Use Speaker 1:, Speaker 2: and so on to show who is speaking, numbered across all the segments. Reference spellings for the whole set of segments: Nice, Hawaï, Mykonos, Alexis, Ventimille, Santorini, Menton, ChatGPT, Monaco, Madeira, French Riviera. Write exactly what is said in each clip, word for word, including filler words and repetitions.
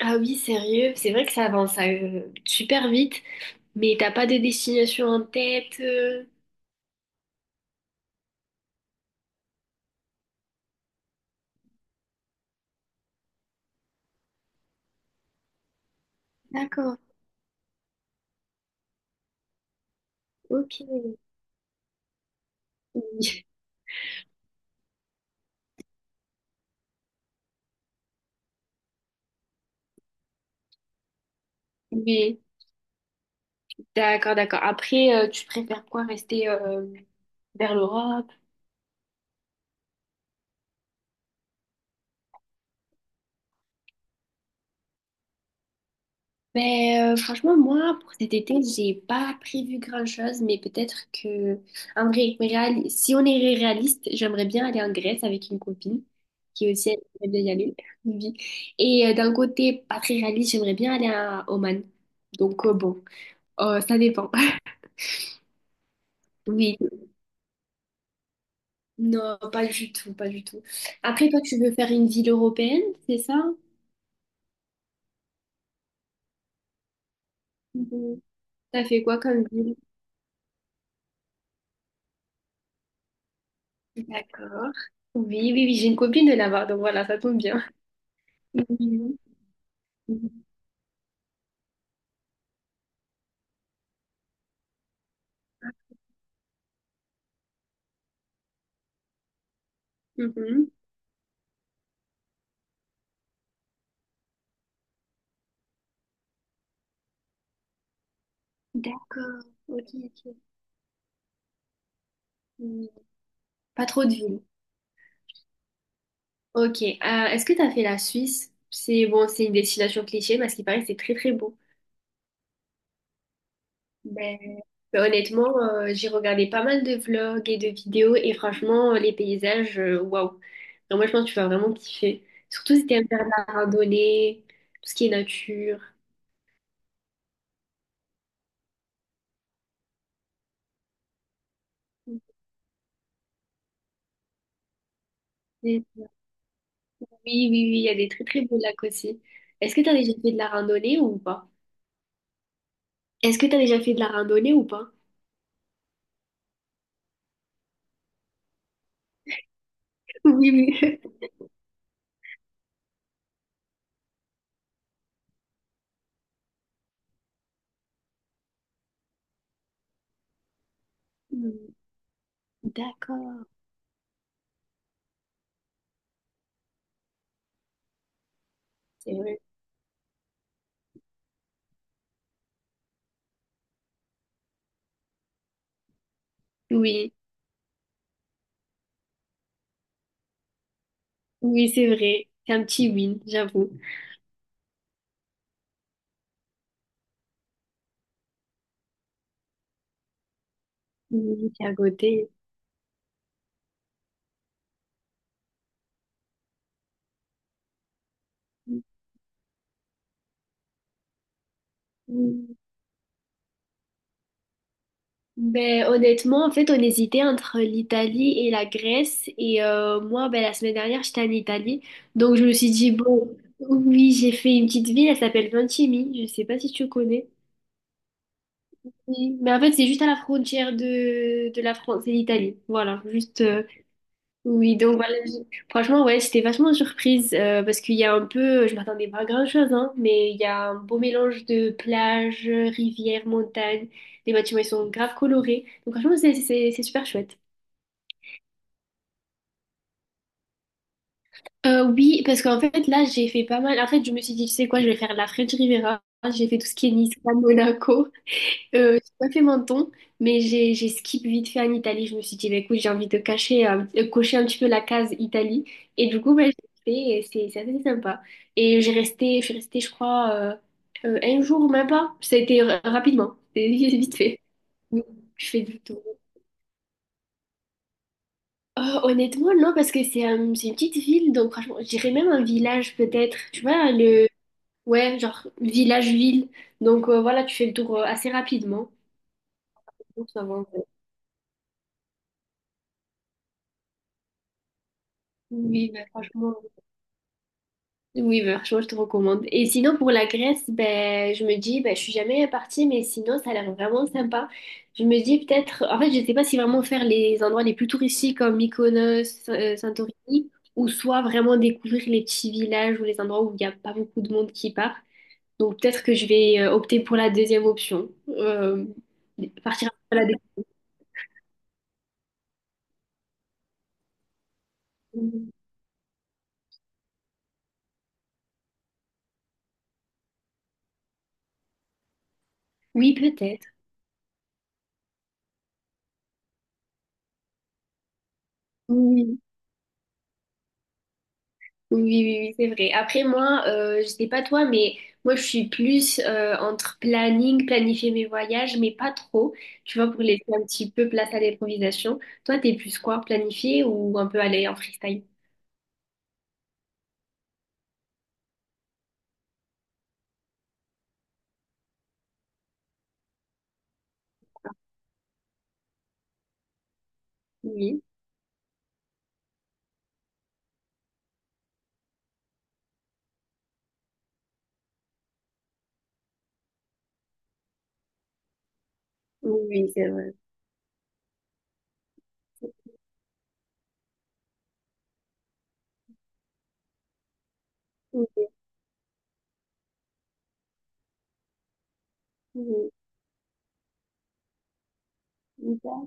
Speaker 1: Ah oui, sérieux, c'est vrai que ça avance euh, super vite, mais t'as pas de destination en tête. euh D'accord, ok. Oui. Mais d'accord, d'accord. Après, euh, tu préfères quoi? Rester euh, vers l'Europe? Ben, euh, franchement, moi, pour cet été, j'ai pas prévu grand-chose, mais peut-être que, en vrai, réal- si on est réaliste, j'aimerais bien aller en Grèce avec une copine qui aussi aimerait bien y aller. Oui. Et euh, d'un côté pas très réaliste, j'aimerais bien aller à Oman. Donc, euh, bon, euh, ça dépend. Oui, non, pas du tout, pas du tout. Après, toi, tu veux faire une ville européenne, c'est ça? Mhm. T'as fait quoi comme ville? D'accord. Oui, oui, oui, j'ai une copine de là-bas, donc voilà, ça tombe bien. Mhm. Mhm. Mhm. D'accord. Ok, ok. Hmm. Pas trop de villes. Ok. Euh, est-ce que tu as fait la Suisse? C'est bon, c'est une destination cliché, mais à ce qui paraît, c'est très très beau. Ben, mais honnêtement, euh, j'ai regardé pas mal de vlogs et de vidéos et franchement, euh, les paysages, euh, waouh. Donc moi, je pense que tu vas vraiment kiffer. Surtout si t'aimes faire de la randonnée, tout ce qui est nature. Oui, oui, oui, il y a des très très beaux lacs aussi. Est-ce que tu as déjà fait de la randonnée ou pas? Est-ce que tu as déjà fait de la randonnée ou pas? Oui, oui. Hmm, d'accord, c'est vrai. Oui, oui, c'est vrai. C'est un petit win, j'avoue. Oui, c'est à côté. Hmm. Ben, honnêtement, en fait, on hésitait entre l'Italie et la Grèce. Et euh, moi, ben, la semaine dernière, j'étais en Italie. Donc, je me suis dit, bon, oui, j'ai fait une petite ville, elle s'appelle Ventimille. Je sais pas si tu connais. Oui, mais en fait, c'est juste à la frontière de, de la France et l'Italie. Voilà, juste. euh, Oui, donc voilà, j- franchement, ouais, j'étais vachement surprise euh, parce qu'il y a un peu, je m'attendais pas à grand-chose, hein, mais il y a un beau mélange de plages rivières montagnes. Les bâtiments, ils sont grave colorés. Donc franchement, c'est c'est- c'est super chouette. Euh, oui, parce qu'en fait, là, j'ai fait pas mal. En fait, je me suis dit, tu sais quoi, je vais faire la French Riviera. J'ai fait tout ce qui est Nice, Monaco. Euh, j'ai pas fait Menton, mais j'ai j'ai skip vite fait en Italie. Je me suis dit, bah, écoute, j'ai envie de cacher, un- euh, de cocher un petit peu la case Italie. Et du coup, bah, j'ai fait et c'est c'est assez sympa. Et j'ai resté, je suis restée, je crois, euh, euh, un jour, même pas. Ça a été ra- rapidement, c'est vite fait. Oui, je fais du tout. Euh, honnêtement, non, parce que c'est un- c'est une petite ville, donc franchement, je dirais même un village peut-être. Tu vois, le... Ouais, genre village-ville. Donc euh, voilà, tu fais le tour euh, assez rapidement. Donc ça va, en fait. Oui, mais franchement. Oui, franchement, je te recommande. Et sinon, pour la Grèce, ben, je me dis, ben, je suis jamais partie, mais sinon, ça a l'air vraiment sympa. Je me dis peut-être, en fait, je sais pas si vraiment faire les endroits les plus touristiques comme Mykonos, euh, Santorini, ou soit vraiment découvrir les petits villages ou les endroits où il n'y a pas beaucoup de monde qui part. Donc, peut-être que je vais euh, opter pour la deuxième option. Euh, partir à la découverte. Oui, peut-être. Oui. Oui, oui, oui, oui, c'est vrai. Après, moi, euh, je sais pas toi, mais moi, je suis plus euh, entre planning, planifier mes voyages, mais pas trop, tu vois, pour laisser un petit peu place à l'improvisation. Toi, t'es plus quoi, planifier ou un peu aller en freestyle? Oui, oui, oui, c'est vrai. Oui, oui, oui.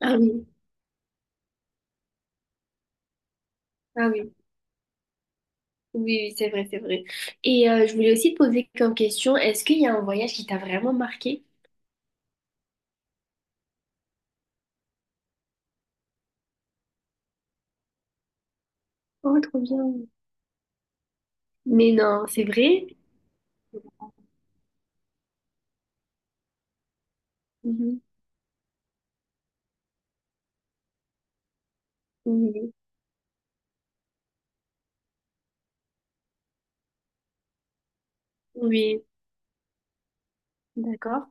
Speaker 1: Ah oui, ah oui, oui, oui, c'est vrai, c'est vrai. Et euh, je voulais aussi te poser comme question, est-ce qu'il y a un voyage qui t'a vraiment marqué? Oh, trop bien. Mais non, c'est vrai? Mhm. Oui, oui, d'accord.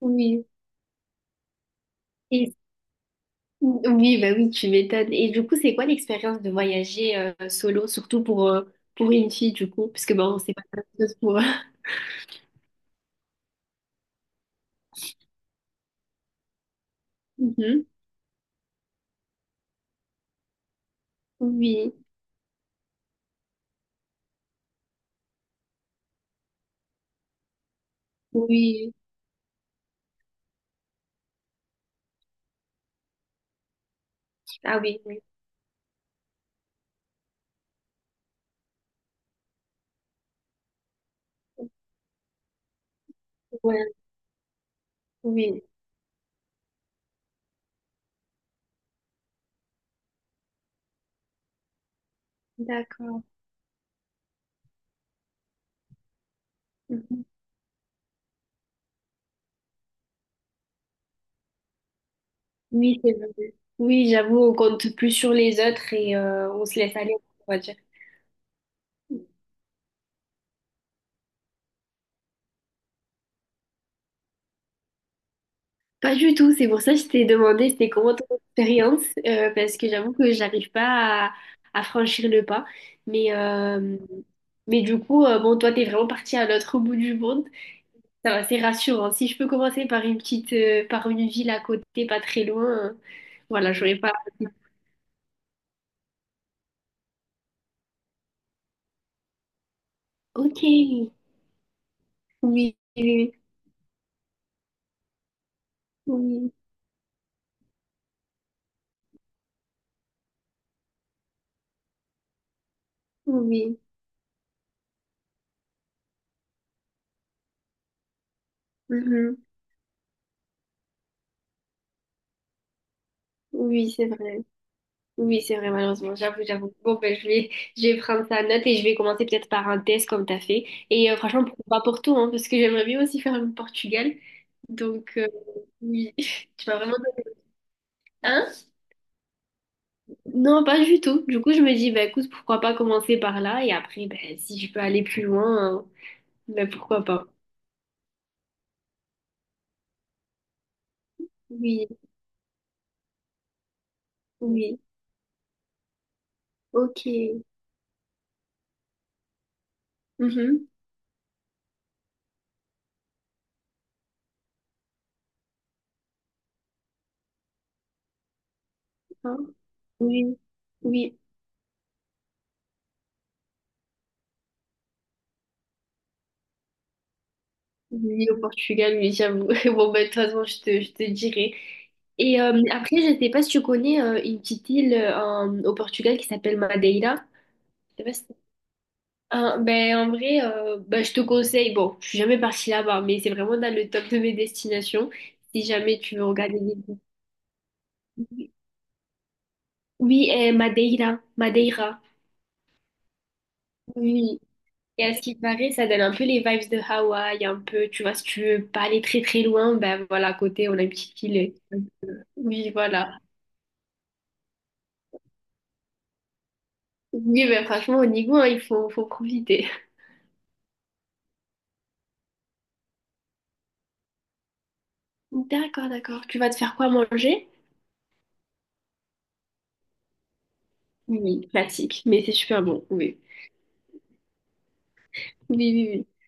Speaker 1: Oui, et, oui, bah oui, tu m'étonnes. Et du coup, c'est quoi l'expérience de voyager euh, solo, surtout pour, euh, pour une fille, du coup, parce que bon, c'est pas la même chose pour. Mhm. Oui, oui, ah oui, oui, ouais, oui, d'accord. Mhm. Oui, c'est vrai. Oui, j'avoue, on compte plus sur les autres et euh, on se laisse aller, on va dire. Pas du tout, c'est pour ça que je t'ai demandé c'était comment ton expérience, euh, parce que j'avoue que j'arrive pas à, à franchir le pas. Mais, euh, mais du coup, euh, bon, toi, t'es vraiment parti à l'autre bout du monde. Ça va, c'est rassurant. Si je peux commencer par une petite, euh, par une ville à côté, pas très loin, euh, voilà, j'aurais pas. Ok, oui, oui, oui, oui, oui, mhm. Oui, c'est vrai. Oui, c'est vrai, malheureusement. J'avoue, j'avoue. Bon, ben, je vais, je vais prendre ça en note et je vais commencer peut-être par un test comme t'as fait. Et euh, franchement, pourquoi pas pour tout, hein, parce que j'aimerais bien aussi faire le Portugal. Donc, euh, oui, tu vas vraiment... donné- Hein? Non, pas du tout. Du coup, je me dis, ben, écoute, pourquoi pas commencer par là et après, ben, si je peux aller plus loin, hein, ben, pourquoi pas. Oui, oui, ok. Mhm. Hein. Oui, oui. Oui, au Portugal, mais j'avoue. Bon, bah, de toute façon, je te, je te dirai. Et euh, après, je sais pas si tu connais euh, une petite île euh, au Portugal qui s'appelle Madeira. Je sais pas si- Ah, ben, en vrai, euh, ben, je te conseille. Bon, je suis jamais partie là-bas, mais c'est vraiment dans le top de mes destinations. Si jamais tu veux regarder des... Oui, et Madeira. Madeira. Oui. Et à ce qui paraît, ça donne un peu les vibes de Hawaï, un peu, tu vois, si tu veux pas aller très très loin, ben voilà, à côté, on a une petite île. Oui, voilà. Oui, mais franchement, au Nigo, hein, il faut, faut profiter. D'accord, d'accord. Tu vas te faire quoi manger? Oui, classique, mais c'est super bon, oui. Oui, oui, oui.